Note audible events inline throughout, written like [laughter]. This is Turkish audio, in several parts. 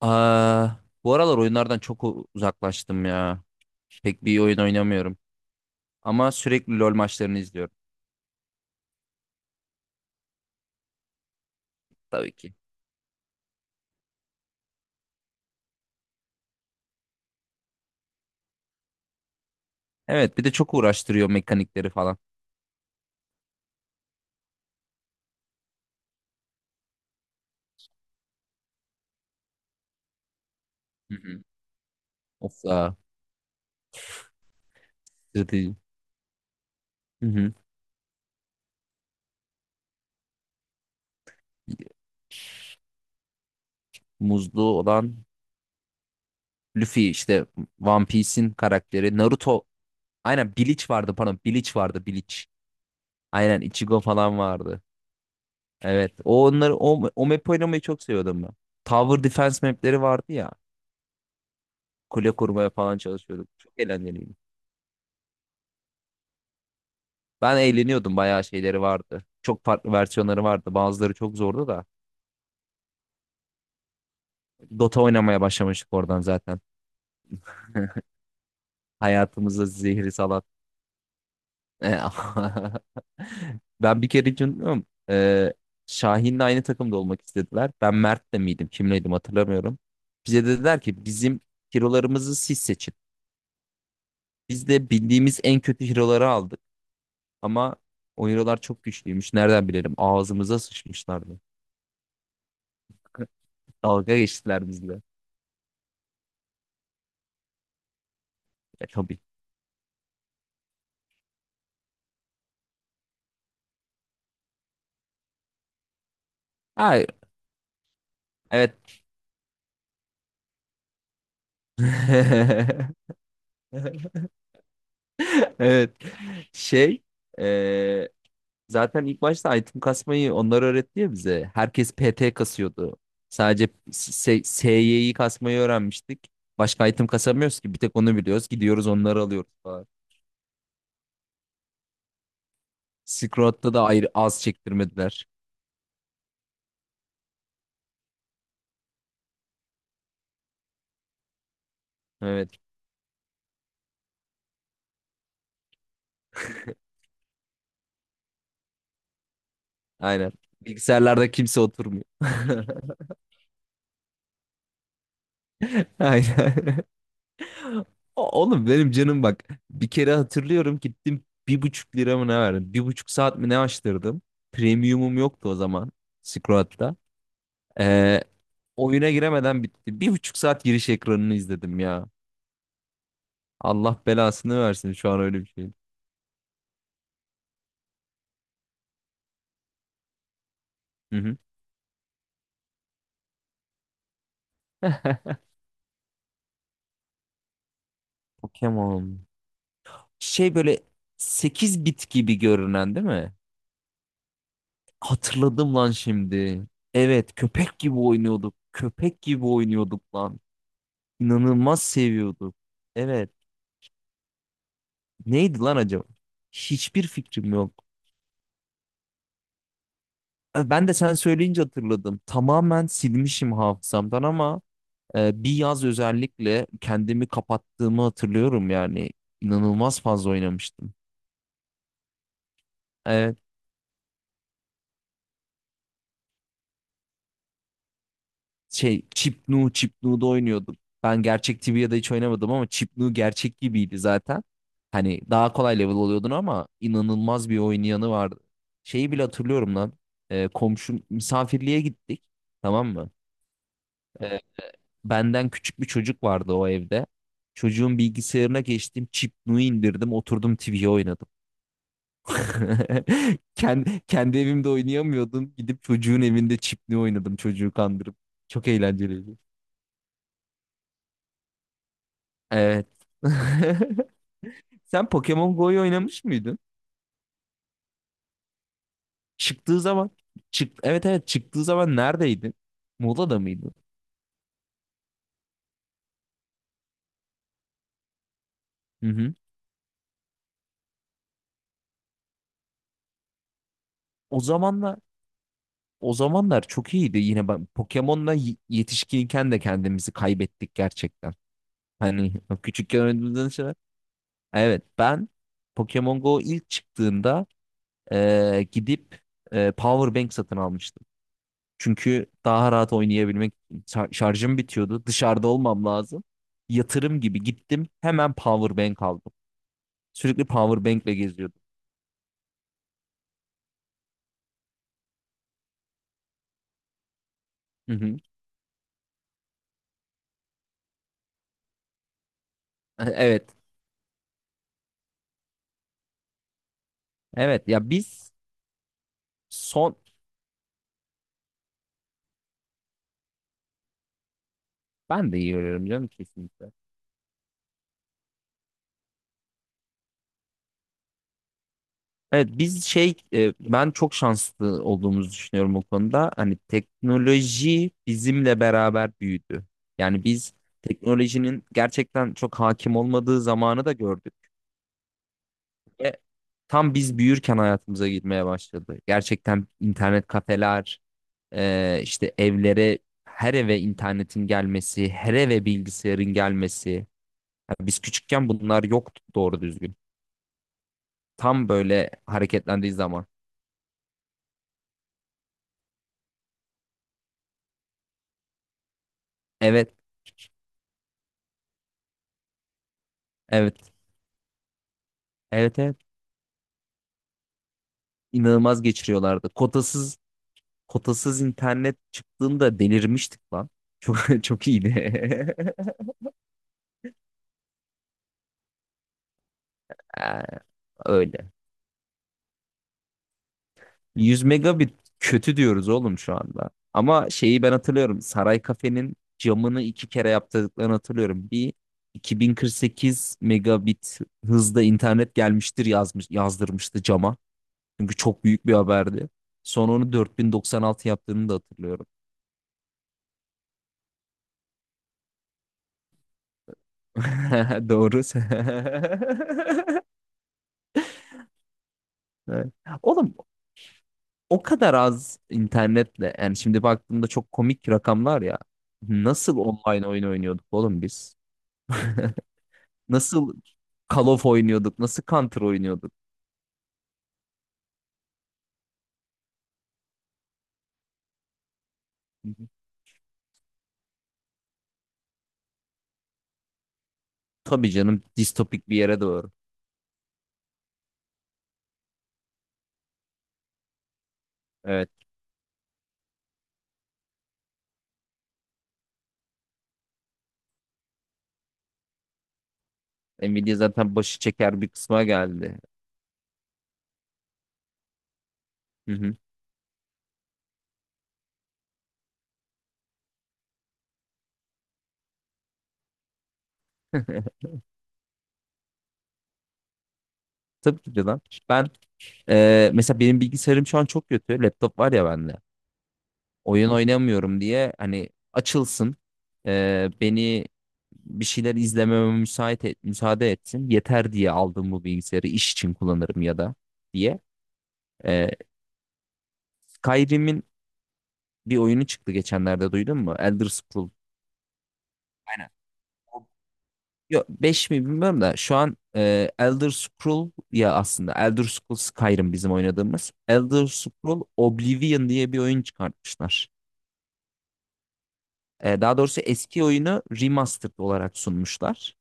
Aa, bu aralar oyunlardan çok uzaklaştım ya. Pek bir oyun oynamıyorum. Ama sürekli LoL maçlarını izliyorum tabii ki. Evet, bir de çok uğraştırıyor mekanikleri falan. Hı hı. Of ya. Strateji. Hı hı. Muzlu olan Luffy işte One Piece'in karakteri. Naruto. Aynen, Bleach vardı pardon. Bleach vardı, Bleach. Aynen Ichigo falan vardı. Evet. O onları o map oynamayı çok seviyordum ben. Tower Defense mapleri vardı ya. Kule kurmaya falan çalışıyorduk. Çok eğlenceliydi. Ben eğleniyordum, bayağı şeyleri vardı. Çok farklı versiyonları vardı. Bazıları çok zordu da. Dota oynamaya başlamıştık oradan zaten. [laughs] Hayatımıza zehri salat. [laughs] Ben bir kere hiç unutmuyorum. Şahin'le aynı takımda olmak istediler. Ben Mert'le miydim, kimleydim hatırlamıyorum. Bize dediler ki bizim hero'larımızı siz seçin. Biz de bildiğimiz en kötü hero'ları aldık. Ama o hero'lar çok güçlüymüş. Nereden bilelim? Ağzımıza sıçmışlardı. [laughs] Dalga geçtiler bizle. Tabii. Ha, evet. [laughs] Evet. Şey, e, zaten ilk başta item kasmayı onlar öğretti ya bize. Herkes PT kasıyordu. Sadece SY'yi kasmayı öğrenmiştik. Başka item kasamıyoruz ki. Bir tek onu biliyoruz. Gidiyoruz, onları alıyoruz falan. Silk Road'da da ayrı az çektirmediler. Evet, aynen. Bilgisayarlarda kimse oturmuyor. [laughs] Aynen. Oğlum benim canım bak. Bir kere hatırlıyorum, gittim bir buçuk lira mı ne verdim? Bir buçuk saat mi ne açtırdım? Premiumum yoktu o zaman. Squat'ta. Ee, oyuna giremeden bitti. Bir buçuk saat giriş ekranını izledim ya. Allah belasını versin şu an öyle bir şey. Hı hı. [laughs] Pokemon. Şey, böyle 8 bit gibi görünen değil mi? Hatırladım lan şimdi. Evet, köpek gibi oynuyorduk. Köpek gibi oynuyorduk lan. İnanılmaz seviyorduk. Evet. Neydi lan acaba? Hiçbir fikrim yok. Ben de sen söyleyince hatırladım. Tamamen silmişim hafızamdan ama bir yaz özellikle kendimi kapattığımı hatırlıyorum yani. İnanılmaz fazla oynamıştım. Evet, şey, Chipnu'da oynuyordum. Ben gerçek TV'de hiç oynamadım ama Chipnu gerçek gibiydi zaten. Hani daha kolay level oluyordun ama inanılmaz bir oynayanı vardı. Şeyi bile hatırlıyorum lan. Komşum misafirliğe gittik. Tamam mı? E, Benden küçük bir çocuk vardı o evde. Çocuğun bilgisayarına geçtim. Chip Nui indirdim. Oturdum, TV oynadım. [laughs] Kendi evimde oynayamıyordum. Gidip çocuğun evinde Chip Nui oynadım, çocuğu kandırıp. Çok eğlenceliydi. Evet. [laughs] Sen Pokemon Go'yu oynamış mıydın? Çıktığı zaman. Evet, evet, çıktığı zaman neredeydin? Muğla'da mıydın? Hı hı. O zamanlar o zamanlar çok iyiydi. Yine ben Pokemon'la yetişkinken de kendimizi kaybettik gerçekten. Hani küçükken oynadığımız şeyler. Evet, ben Pokemon Go ilk çıktığında gidip power bank satın almıştım. Çünkü daha rahat oynayabilmek, şarjım bitiyordu, dışarıda olmam lazım. Yatırım gibi gittim, hemen power bank aldım. Sürekli power bank'le geziyordum. Hı hı. [laughs] Evet. Evet ya biz son ben de iyi oynuyorum canım, kesinlikle. Evet biz şey, ben çok şanslı olduğumuzu düşünüyorum bu konuda. Hani teknoloji bizimle beraber büyüdü. Yani biz teknolojinin gerçekten çok hakim olmadığı zamanı da gördük. Ve tam biz büyürken hayatımıza girmeye başladı. Gerçekten internet kafeler, işte evlere, her eve internetin gelmesi, her eve bilgisayarın gelmesi. Yani biz küçükken bunlar yoktu doğru düzgün. Tam böyle hareketlendiği zaman. Evet, evet, evet, evet. inanılmaz geçiriyorlardı. Kotasız internet çıktığında delirmiştik lan. Çok [laughs] çok iyiydi. [laughs] Ee, Öyle. 100 megabit kötü diyoruz oğlum şu anda. Ama şeyi ben hatırlıyorum. Saray Kafe'nin camını iki kere yaptırdıklarını hatırlıyorum. Bir 2048 megabit hızda internet gelmiştir yazmış, yazdırmıştı cama. Çünkü çok büyük bir haberdi. Sonra onu 4096 yaptığını da hatırlıyorum. [laughs] Doğru. [laughs] Evet. Oğlum o kadar az internetle, yani şimdi baktığımda çok komik rakamlar ya. Nasıl online oyun oynuyorduk oğlum biz? [laughs] Nasıl Call of oynuyorduk? Nasıl Counter oynuyorduk? Tabii canım, distopik bir yere doğru. Evet. Nvidia zaten başı çeker bir kısma geldi. Hı hı. [laughs] Tabii ki de lan. Ben, mesela benim bilgisayarım şu an çok kötü. Laptop var ya bende. Oyun oynamıyorum diye hani açılsın, beni bir şeyler izlememe müsaade etsin yeter diye aldım bu bilgisayarı, iş için kullanırım ya da diye. E, Skyrim'in bir oyunu çıktı geçenlerde, duydun mu? Elder Scrolls. Aynen. O- Yok, 5 mi bilmiyorum da şu an, Elder Scroll ya, aslında Elder Scrolls Skyrim bizim oynadığımız. Elder Scroll Oblivion diye bir oyun çıkartmışlar. Daha doğrusu eski oyunu remastered olarak sunmuşlar.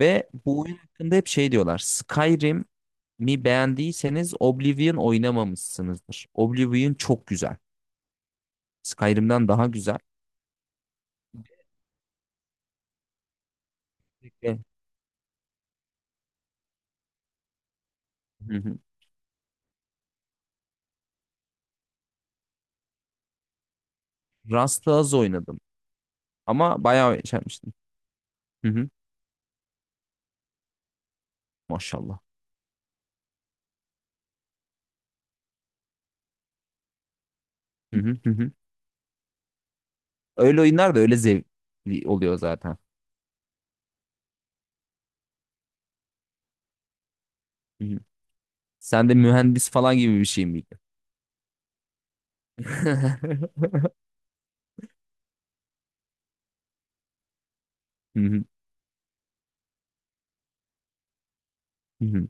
Ve bu oyun hakkında hep şey diyorlar: Skyrim'i beğendiyseniz Oblivion oynamamışsınızdır. Oblivion çok güzel. Skyrim'den daha güzel. Ve Hı hı. Rust'ı az oynadım. Ama bayağı şey yapmıştım. Hı hı. Maşallah. Hı hı hı. Hı. Öyle oyunlar da öyle zevkli oluyor zaten. Hı hı. Sen de mühendis falan gibi bir şey miydin? [laughs] Hı hı, hı hı,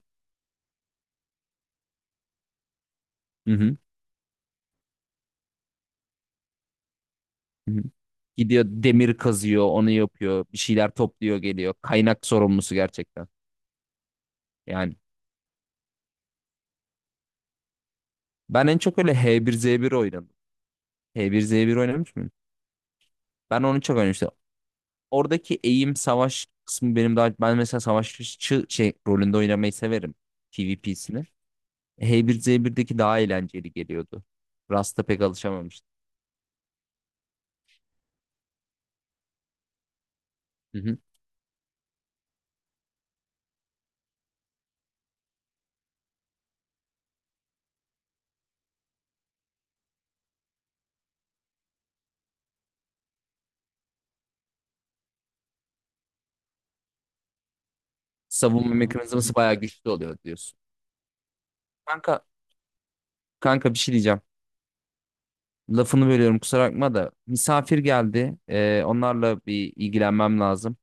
hı hı, hı hı. Gidiyor demir kazıyor, onu yapıyor, bir şeyler topluyor, geliyor. Kaynak sorumlusu gerçekten. Yani. Ben en çok öyle H1Z1 oynadım. H bir Z bir oynamış mıyım? Ben onu çok oynamıştım. Oradaki eğim savaş kısmı benim daha... Ben mesela savaşçı şey, rolünde oynamayı severim. PvP'sini. H bir Z 1deki daha eğlenceli geliyordu. Rust'a pek alışamamıştım. Hı hı. Savunma mekanizması bayağı güçlü oluyor diyorsun. Kanka, kanka bir şey diyeceğim. Lafını bölüyorum, kusura bakma da misafir geldi. Onlarla bir ilgilenmem lazım.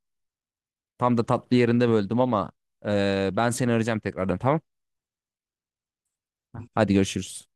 Tam da tatlı yerinde böldüm ama... ben seni arayacağım tekrardan, tamam? Hadi görüşürüz.